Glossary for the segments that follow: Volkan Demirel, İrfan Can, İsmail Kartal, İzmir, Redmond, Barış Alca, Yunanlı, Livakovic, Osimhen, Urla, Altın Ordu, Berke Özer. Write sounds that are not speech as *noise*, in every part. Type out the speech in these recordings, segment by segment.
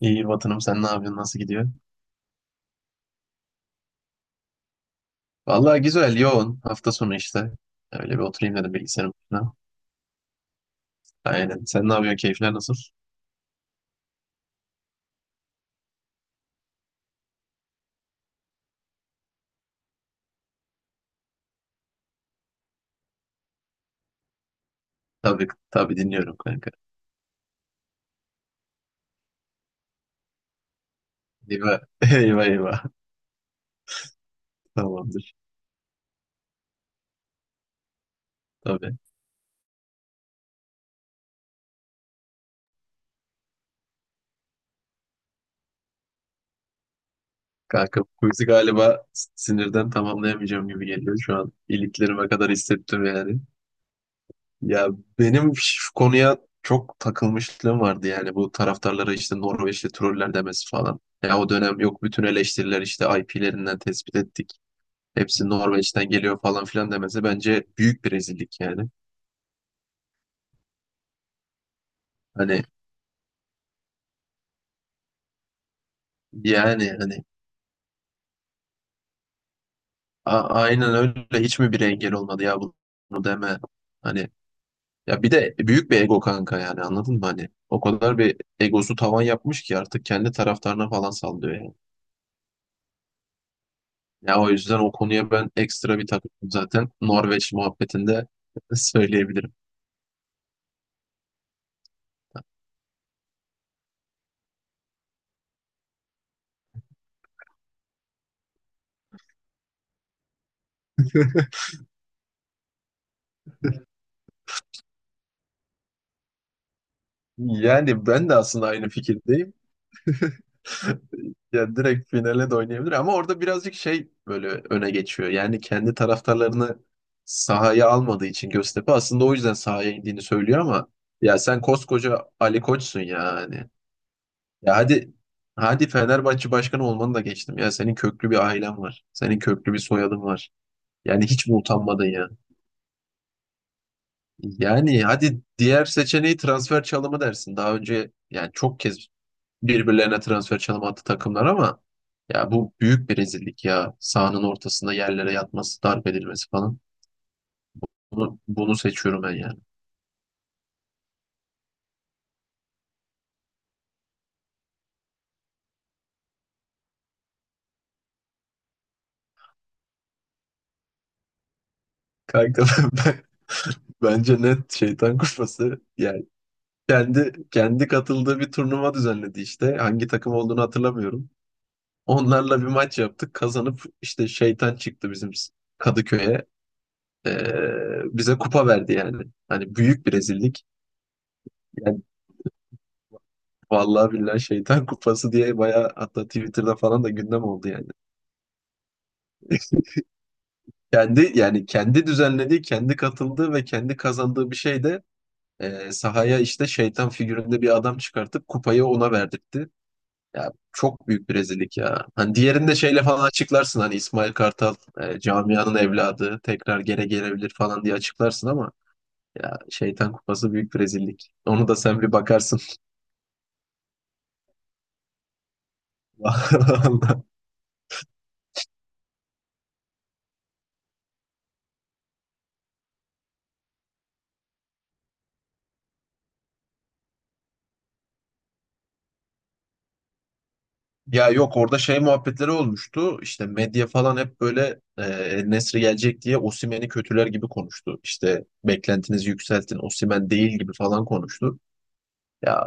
İyi Vatanım sen ne yapıyorsun? Nasıl gidiyor? Vallahi güzel, yoğun. Hafta sonu işte. Öyle bir oturayım dedim bilgisayarın başına. Aynen. Sen ne yapıyorsun? Keyifler nasıl? Tabii, tabii dinliyorum kanka. Eyvah, *laughs* eyvah, eyvah. Tamamdır. Tabii. Kanka bu quiz'i galiba sinirden tamamlayamayacağım gibi geliyor. Şu an iliklerime kadar hissettim yani. Ya benim şu konuya çok takılmışlığım vardı yani. Bu taraftarlara işte Norveçli troller demesi falan. Ya o dönem yok, bütün eleştiriler işte IP'lerinden tespit ettik, hepsi Norveç'ten geliyor falan filan demesi bence büyük bir rezillik yani. Hani yani hani aynen öyle, hiç mi bir engel olmadı ya bunu deme? Hani ya bir de büyük bir ego kanka, yani anladın mı hani? O kadar bir egosu tavan yapmış ki artık kendi taraftarına falan sallıyor yani. Ya o yüzden o konuya ben ekstra bir takıldım zaten Norveç muhabbetinde *laughs* söyleyebilirim. Yani ben de aslında aynı fikirdeyim. Yani direkt finale de oynayabilir ama orada birazcık şey böyle öne geçiyor. Yani kendi taraftarlarını sahaya almadığı için Göztepe aslında o yüzden sahaya indiğini söylüyor ama ya sen koskoca Ali Koç'sun yani. Ya hadi hadi Fenerbahçe başkanı olmanı da geçtim. Ya senin köklü bir ailen var. Senin köklü bir soyadın var. Yani hiç mi utanmadın ya? Yani hadi diğer seçeneği transfer çalımı dersin. Daha önce yani çok kez birbirlerine transfer çalım attı takımlar ama ya bu büyük bir rezillik ya. Sahanın ortasında yerlere yatması, darp edilmesi falan. Bunu seçiyorum ben yani. Kanka *laughs* ben- bence net şeytan kuşması yani kendi katıldığı bir turnuva düzenledi işte. Hangi takım olduğunu hatırlamıyorum. Onlarla bir maç yaptık. Kazanıp işte şeytan çıktı bizim Kadıköy'e. Bize kupa verdi yani. Hani büyük bir rezillik. Yani vallahi billahi şeytan kupası diye bayağı, hatta Twitter'da falan da gündem oldu yani. Kendi yani kendi düzenlediği, kendi katıldığı ve kendi kazandığı bir şey de sahaya işte şeytan figüründe bir adam çıkartıp kupayı ona verdirtti. Ya çok büyük bir rezillik ya. Hani diğerinde şeyle falan açıklarsın hani İsmail Kartal camianın evladı tekrar geri gelebilir falan diye açıklarsın ama ya şeytan kupası büyük bir rezillik. Onu da sen bir bakarsın. *laughs* Ya yok, orada şey muhabbetleri olmuştu. İşte medya falan hep böyle Nesri gelecek diye Osimhen'i kötüler gibi konuştu. İşte beklentinizi yükseltin, Osimhen değil gibi falan konuştu. Ya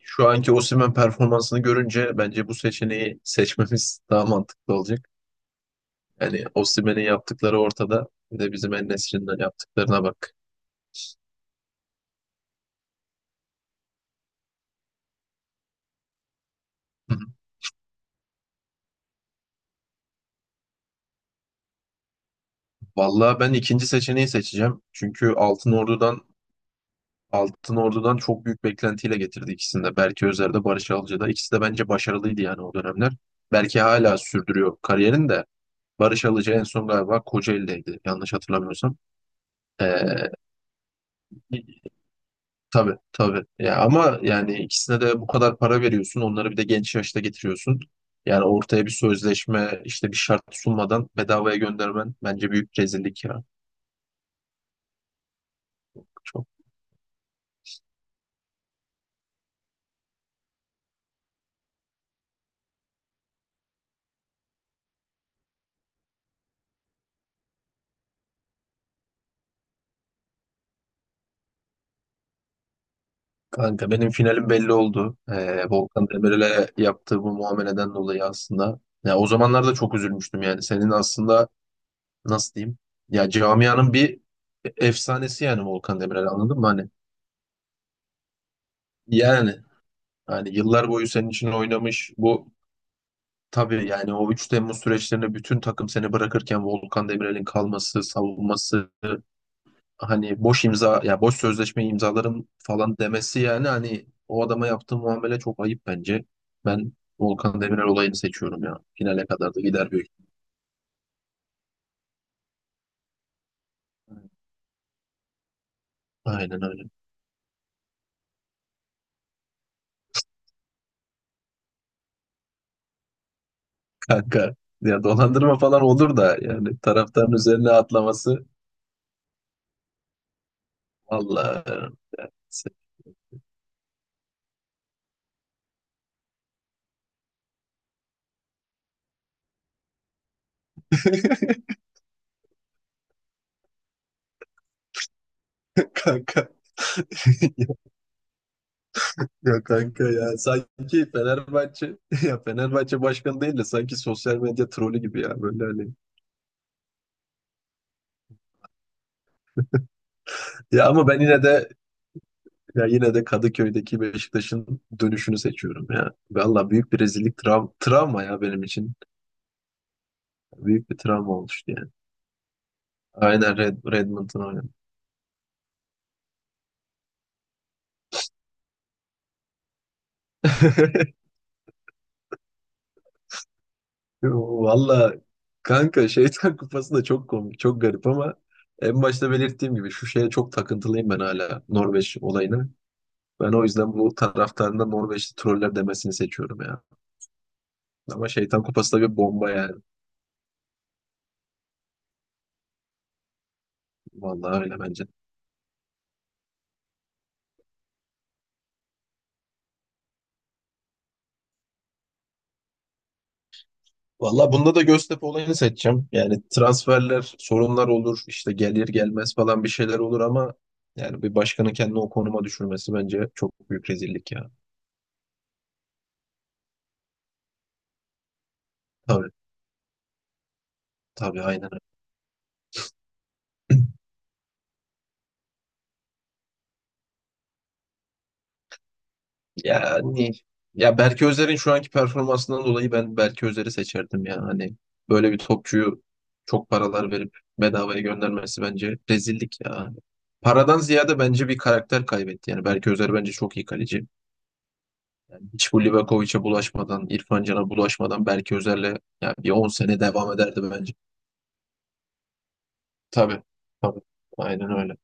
şu anki Osimhen performansını görünce bence bu seçeneği seçmemiz *laughs* daha mantıklı olacak. Yani Osimhen'in yaptıkları ortada. Bir de bizim en de yaptıklarına bak. Hı hı. Vallahi ben ikinci seçeneği seçeceğim. Çünkü Altın Ordu'dan çok büyük beklentiyle getirdi ikisini de. Berke Özer'de, Barış Alca'da. İkisi de bence başarılıydı yani o dönemler. Belki hala sürdürüyor kariyerini de. Barış Alca en son galiba Kocaeli'deydi, yanlış hatırlamıyorsam. Ee, tabii, tabii. Ya ama yani ikisine de bu kadar para veriyorsun. Onları bir de genç yaşta getiriyorsun. Yani ortaya bir sözleşme, işte bir şart sunmadan bedavaya göndermen bence büyük rezillik ya. Çok. Kanka benim finalim belli oldu. Volkan Demirel'e yaptığı bu muameleden dolayı aslında. Ya o zamanlarda çok üzülmüştüm yani. Senin aslında nasıl diyeyim? Ya camianın bir efsanesi yani Volkan Demirel, anladın mı? Hani yani hani yıllar boyu senin için oynamış. Bu tabii yani o 3 Temmuz süreçlerinde bütün takım seni bırakırken Volkan Demirel'in kalması, savunması, hani boş imza ya boş sözleşme imzalarım falan demesi, yani hani o adama yaptığı muamele çok ayıp bence. Ben Volkan Demirel olayını seçiyorum ya. Finale kadar da gider büyük. Aynen öyle. *laughs* Kanka ya dolandırma falan olur da yani taraftarın üzerine atlaması vallahi *laughs* kanka, ya kanka ya sanki Fenerbahçe *laughs* ya Fenerbahçe başkanı değil de sanki sosyal medya trolü gibi ya böyle hani. Ya ama ben yine de Kadıköy'deki Beşiktaş'ın dönüşünü seçiyorum ya. Valla büyük bir rezillik, travma ya benim için. Büyük bir travma oluştu yani. Aynen Redmond'un oynadı. *laughs* Valla kanka Şeytan Kupası da çok komik, çok garip ama en başta belirttiğim gibi şu şeye çok takıntılıyım ben, hala Norveç olayına. Ben o yüzden bu taraftarında Norveçli troller demesini seçiyorum ya. Ama Şeytan Kupası da bir bomba yani. Vallahi öyle bence. Valla bunda da Göztepe olayını seçeceğim. Yani transferler, sorunlar olur, işte gelir gelmez falan bir şeyler olur ama yani bir başkanın kendini o konuma düşürmesi bence çok büyük rezillik ya. Tabii, tabii, aynen öyle. *clears throat* Yani ya Berke Özer'in şu anki performansından dolayı ben Berke Özer'i seçerdim ya. Hani böyle bir topçuyu çok paralar verip bedavaya göndermesi bence rezillik ya. Paradan ziyade bence bir karakter kaybetti. Yani Berke Özer bence çok iyi kaleci. Hiç bu Livakovic'e bulaşmadan, İrfan Can'a bulaşmadan belki Özer'le yani bir 10 sene devam ederdi bence. Tabii, tabii. Aynen öyle.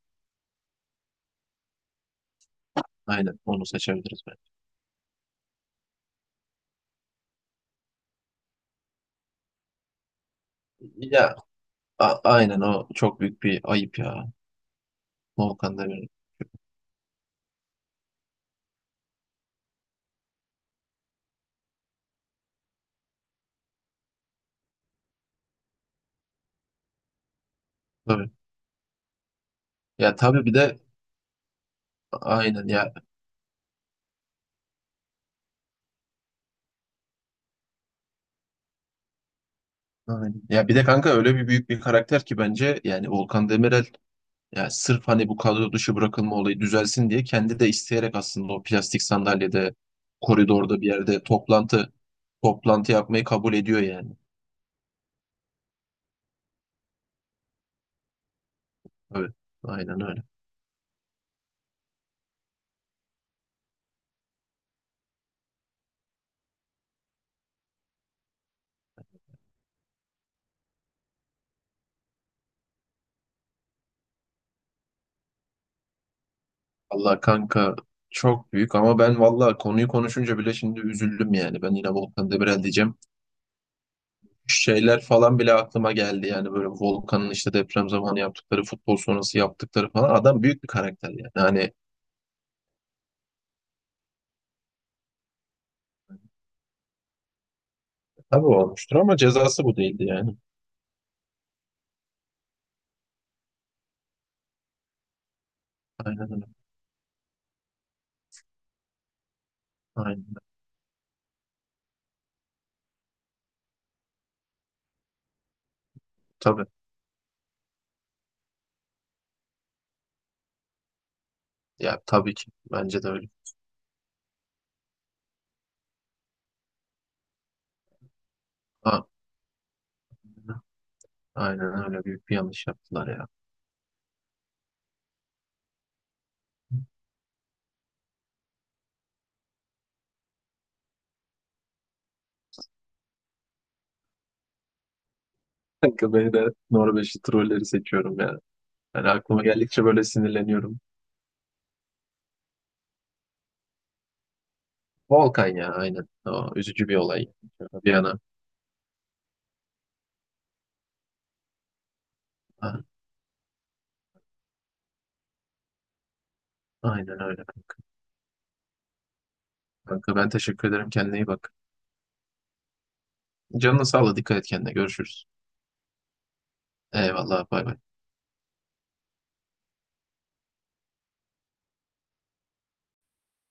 Aynen onu seçebiliriz bence. Ya aynen, o çok büyük bir ayıp ya. Volkan Demirel. Tabii. Ya tabii bir de aynen ya. Aynen. Ya bir de kanka öyle bir büyük bir karakter ki bence yani Volkan Demirel, ya sırf hani bu kadro dışı bırakılma olayı düzelsin diye kendi de isteyerek aslında o plastik sandalyede koridorda bir yerde toplantı yapmayı kabul ediyor yani. Evet, aynen öyle. Allah kanka çok büyük, ama ben valla konuyu konuşunca bile şimdi üzüldüm yani. Ben yine Volkan Demirel diyeceğim. Şeyler falan bile aklıma geldi yani, böyle Volkan'ın işte deprem zamanı yaptıkları, futbol sonrası yaptıkları falan. Adam büyük bir karakter yani. Hani tabii olmuştur ama cezası bu değildi yani. Aynen öyle. Aynen öyle. Tabii. Ya tabii ki. Bence de öyle. A- Aynen öyle. Büyük bir yanlış yaptılar ya. Kanka ben de Norveçli trolleri seçiyorum ya. Yani aklıma geldikçe böyle sinirleniyorum. Volkan ya, aynen. O, üzücü bir olay. Bir yana. Ha, aynen öyle kanka. Kanka ben teşekkür ederim. Kendine iyi bak. Canına sağlık. Dikkat et kendine. Görüşürüz. Eyvallah. Bay bay.